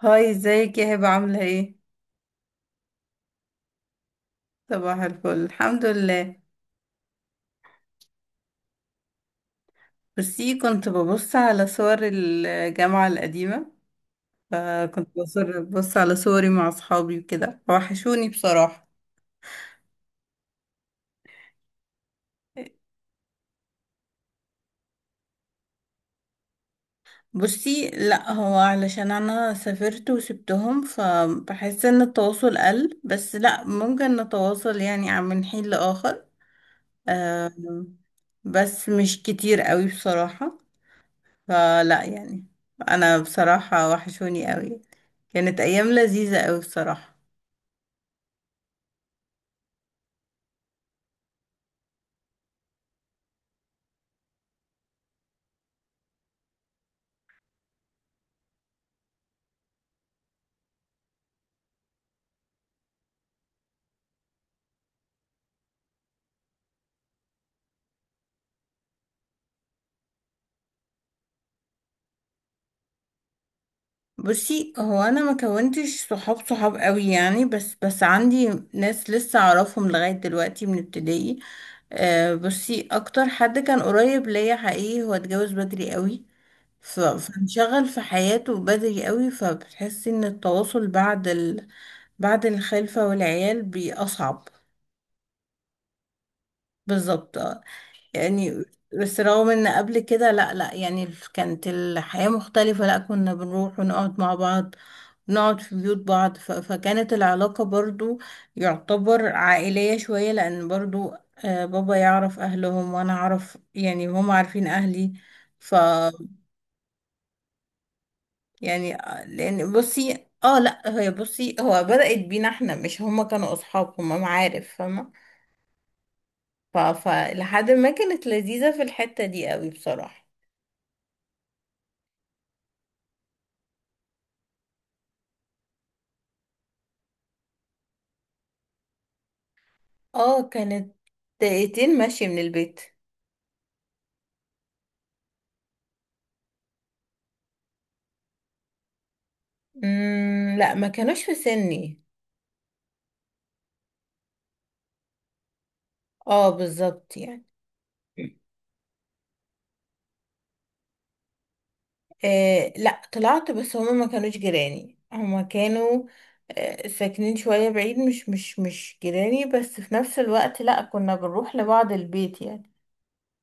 هاي ازيك يا هبة عاملة ايه؟ صباح الفل، الحمد لله. بصي، كنت ببص على صور الجامعة القديمة. فكنت ببص على صوري مع اصحابي وكده، وحشوني بصراحة. بصي لا، هو علشان انا سافرت وسبتهم، فبحس ان التواصل قل. بس لا، ممكن نتواصل يعني من حين لآخر. آم، بس مش كتير قوي بصراحة. فلا يعني، انا بصراحة وحشوني قوي. كانت ايام لذيذة قوي بصراحة. بصي، هو انا ما كونتش صحاب صحاب قوي يعني، بس بس عندي ناس لسه اعرفهم لغاية دلوقتي من ابتدائي. آه، بصي اكتر حد كان قريب ليا حقيقي هو اتجوز بدري قوي. فانشغل في حياته بدري قوي، فبتحسي ان التواصل بعد بعد الخلفة والعيال بيبقى اصعب. بالظبط يعني. بس رغم ان قبل كده، لا لا يعني، كانت الحياة مختلفة. لا، كنا بنروح ونقعد مع بعض، نقعد في بيوت بعض. فكانت العلاقة برضو يعتبر عائلية شوية، لان برضو آه، بابا يعرف اهلهم وانا اعرف، يعني هم عارفين اهلي. ف يعني آه، لان بصي لا هي بصي هو بدأت بينا، احنا مش هما كانوا اصحاب، هما معارف، فاهمة. فلحد ما كانت لذيذة في الحتة دي قوي بصراحة. اه كانت. دقيقتين ماشي من البيت. لا، ما كانوش في سني. اه بالظبط يعني. آه لا، طلعت، بس هما ما كانوش جيراني. هما كانوا آه ساكنين شوية بعيد، مش جيراني، بس في نفس الوقت لا، كنا بنروح لبعض البيت يعني،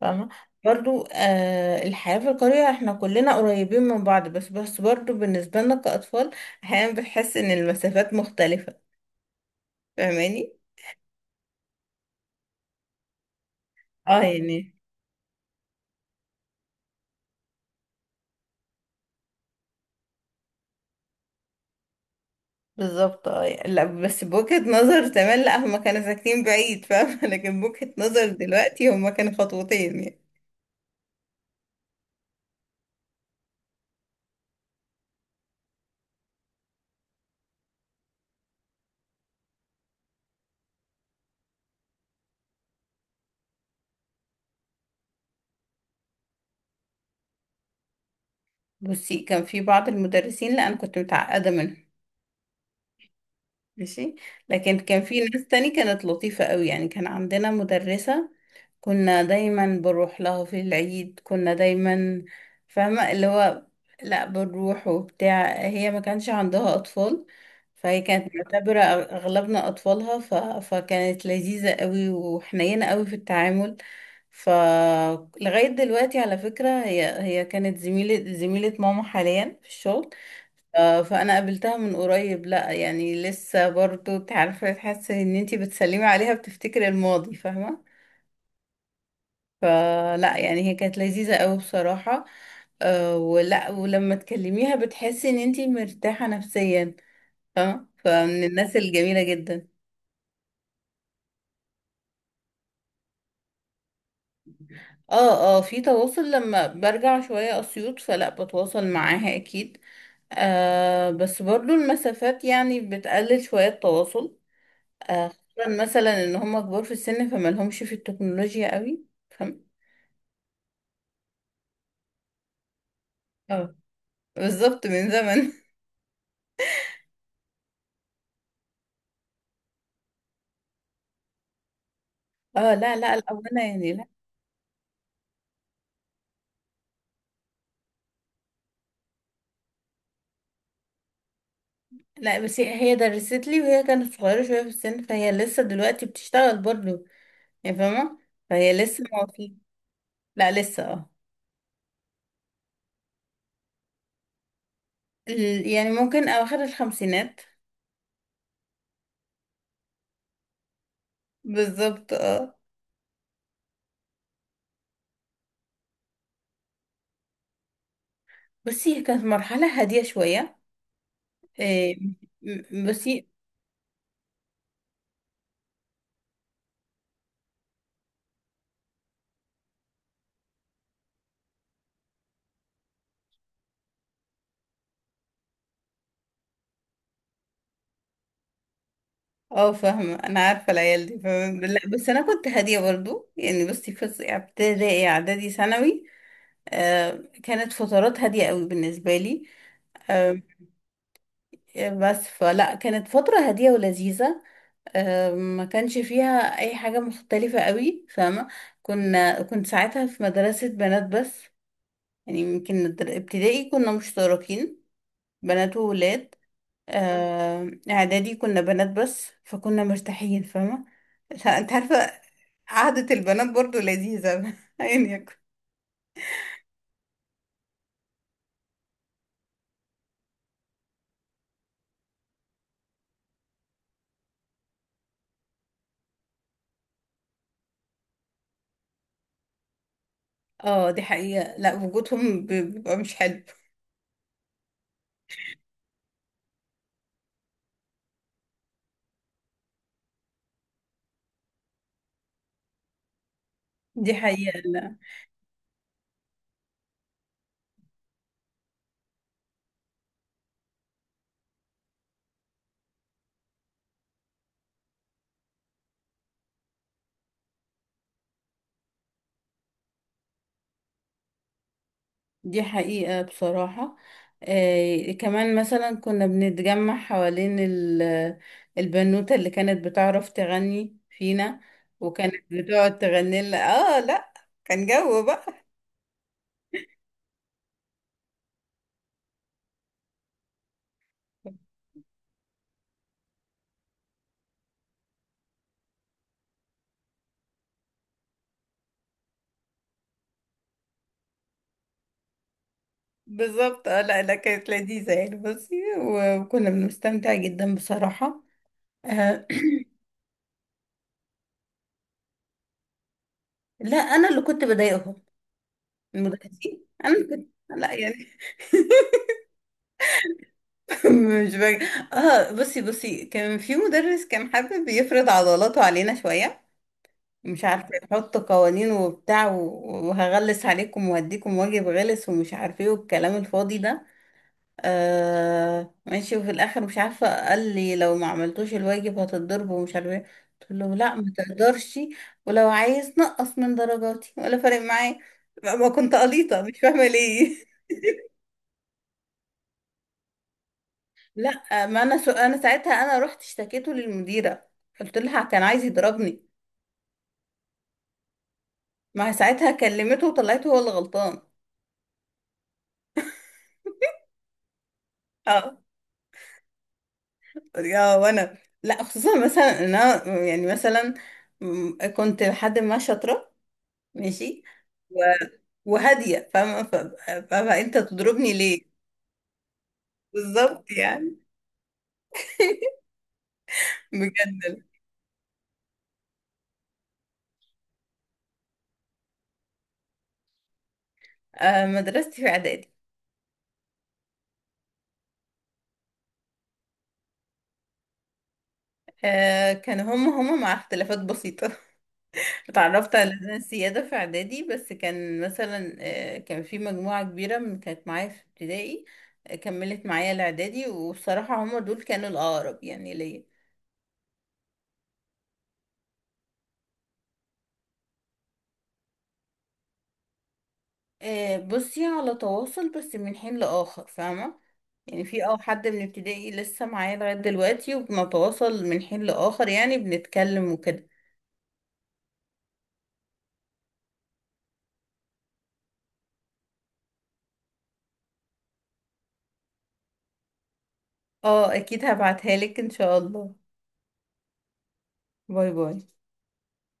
فاهمة. برضو آه، الحياة في القرية احنا كلنا قريبين من بعض، بس بس برضو بالنسبة لنا كأطفال احيانا بتحس ان المسافات مختلفة، فاهماني. اه يعني. بالظبط. اه لا، بس بوجهة نظر زمان، لا هما كانوا ساكنين بعيد فاهمة لكن بوجهة نظر دلوقتي هما كانوا خطوتين يعني. بصي، كان في بعض المدرسين لا، انا كنت متعقدة منهم، ماشي. لكن كان في ناس تاني كانت لطيفة قوي يعني. كان عندنا مدرسة كنا دايما بنروح لها في العيد، كنا دايما فاهمة اللي هو، لا بنروح وبتاع. هي ما كانش عندها أطفال، فهي كانت معتبرة أغلبنا أطفالها. فكانت لذيذة قوي وحنينة قوي في التعامل. فلغاية دلوقتي، على فكرة، هي هي كانت زميلة زميلة ماما حاليا في الشغل. آه، فانا قابلتها من قريب، لا يعني لسه برضو تعرفي تحسي ان انتي بتسلمي عليها، بتفتكري الماضي، فاهمة. فلا يعني، هي كانت لذيذة قوي بصراحة. أه، ولما تكلميها بتحسي ان انتي مرتاحة نفسيا، فاهمة، فمن الناس الجميلة جدا. اه اه، في تواصل. لما برجع شوية اسيوط فلا، بتواصل معاها اكيد. آه بس برضو المسافات يعني بتقلل شوية التواصل. آه، خصوصا مثلا ان هم كبار في السن فما لهمش في التكنولوجيا قوي، فاهم. اه بالظبط، من زمن. اه، لا لا، الأول يعني لا. لا، بس هي هي درست لي وهي كانت صغيرة شوية في السن، فهي لسه دلوقتي بتشتغل برضه يعني، فاهمة. فهي لسه ما في. لا، لسه اه. يعني ممكن أواخر الخمسينات. بالظبط اه. بصي، هي كانت مرحلة هادية شوية. إيه، بصي. اه، فاهمة، أنا عارفة العيال دي، فاهمة. لا بس أنا كنت هادية برضه يعني. بصي في ابتدائي، إعدادي، ثانوي، آه، كانت فترات هادية قوي بالنسبة لي. آه، بس فلا، كانت فترة هادية ولذيذة. آه، ما كانش فيها اي حاجة مختلفة قوي، فاهمة. كنت ساعتها في مدرسة بنات بس. يعني يمكن ابتدائي كنا مشتركين بنات وولاد. آه، اعدادي كنا بنات بس، فكنا مرتاحين، فاهمة. لا، انت عارفة، قعدة البنات برضو لذيذة يعني. اه، دي حقيقة، لا وجودهم بيبقى مش حلو. دي حقيقة. دي حقيقة بصراحة. آه، كمان مثلا كنا بنتجمع حوالين البنوتة اللي كانت بتعرف تغني فينا، وكانت بتقعد تغني لنا. اه لا، كان جو بقى. بالظبط. اه لا لا، كانت لذيذة يعني بصي، وكنا بنستمتع جدا بصراحة. آه لا، انا اللي كنت بضايقهم، المدرسين. انا اللي كنت، لا يعني. مش بقى. اه، بصي بصي، كان في مدرس كان حابب يفرض عضلاته علينا شوية، مش عارفة، يحط قوانين وبتاع وهغلس عليكم وهديكم واجب غلس، ومش عارفة ايه، والكلام الفاضي ده. آه ماشي. وفي الآخر مش عارفة، قال لي لو ما عملتوش الواجب هتتضرب، ومش عارفة ايه. قلت له لا، ما تقدرش، ولو عايز نقص من درجاتي، ولا فارق معايا، ما كنت قليطة، مش فاهمة ليه. لا، ما انا انا ساعتها انا رحت اشتكيته للمديرة، قلت لها كان عايز يضربني. ما ساعتها كلمته وطلعته هو اللي غلطان. آه. يا، وانا لا، خصوصا مثلا ان انا يعني مثلا كنت لحد ما شاطره، ماشي، و- وهاديه فاهمه، فانت تضربني ليه. بالظبط يعني. بجد. آه، مدرستي في اعدادي. آه، كانوا هم هم مع اختلافات بسيطة. اتعرفت على لجنة سيادة في اعدادي، بس كان مثلا آه، كان في مجموعة كبيرة من كانت معايا في ابتدائي، آه، كملت معايا الاعدادي، والصراحة هم دول كانوا الأقرب يعني ليا. آه، بصي على تواصل بس من حين لآخر، فاهمة. يعني في حد من ابتدائي لسه معايا لغاية دلوقتي، وبنتواصل من حين لآخر، يعني بنتكلم وكده. اه اكيد، هبعتها لك ان شاء الله. باي باي.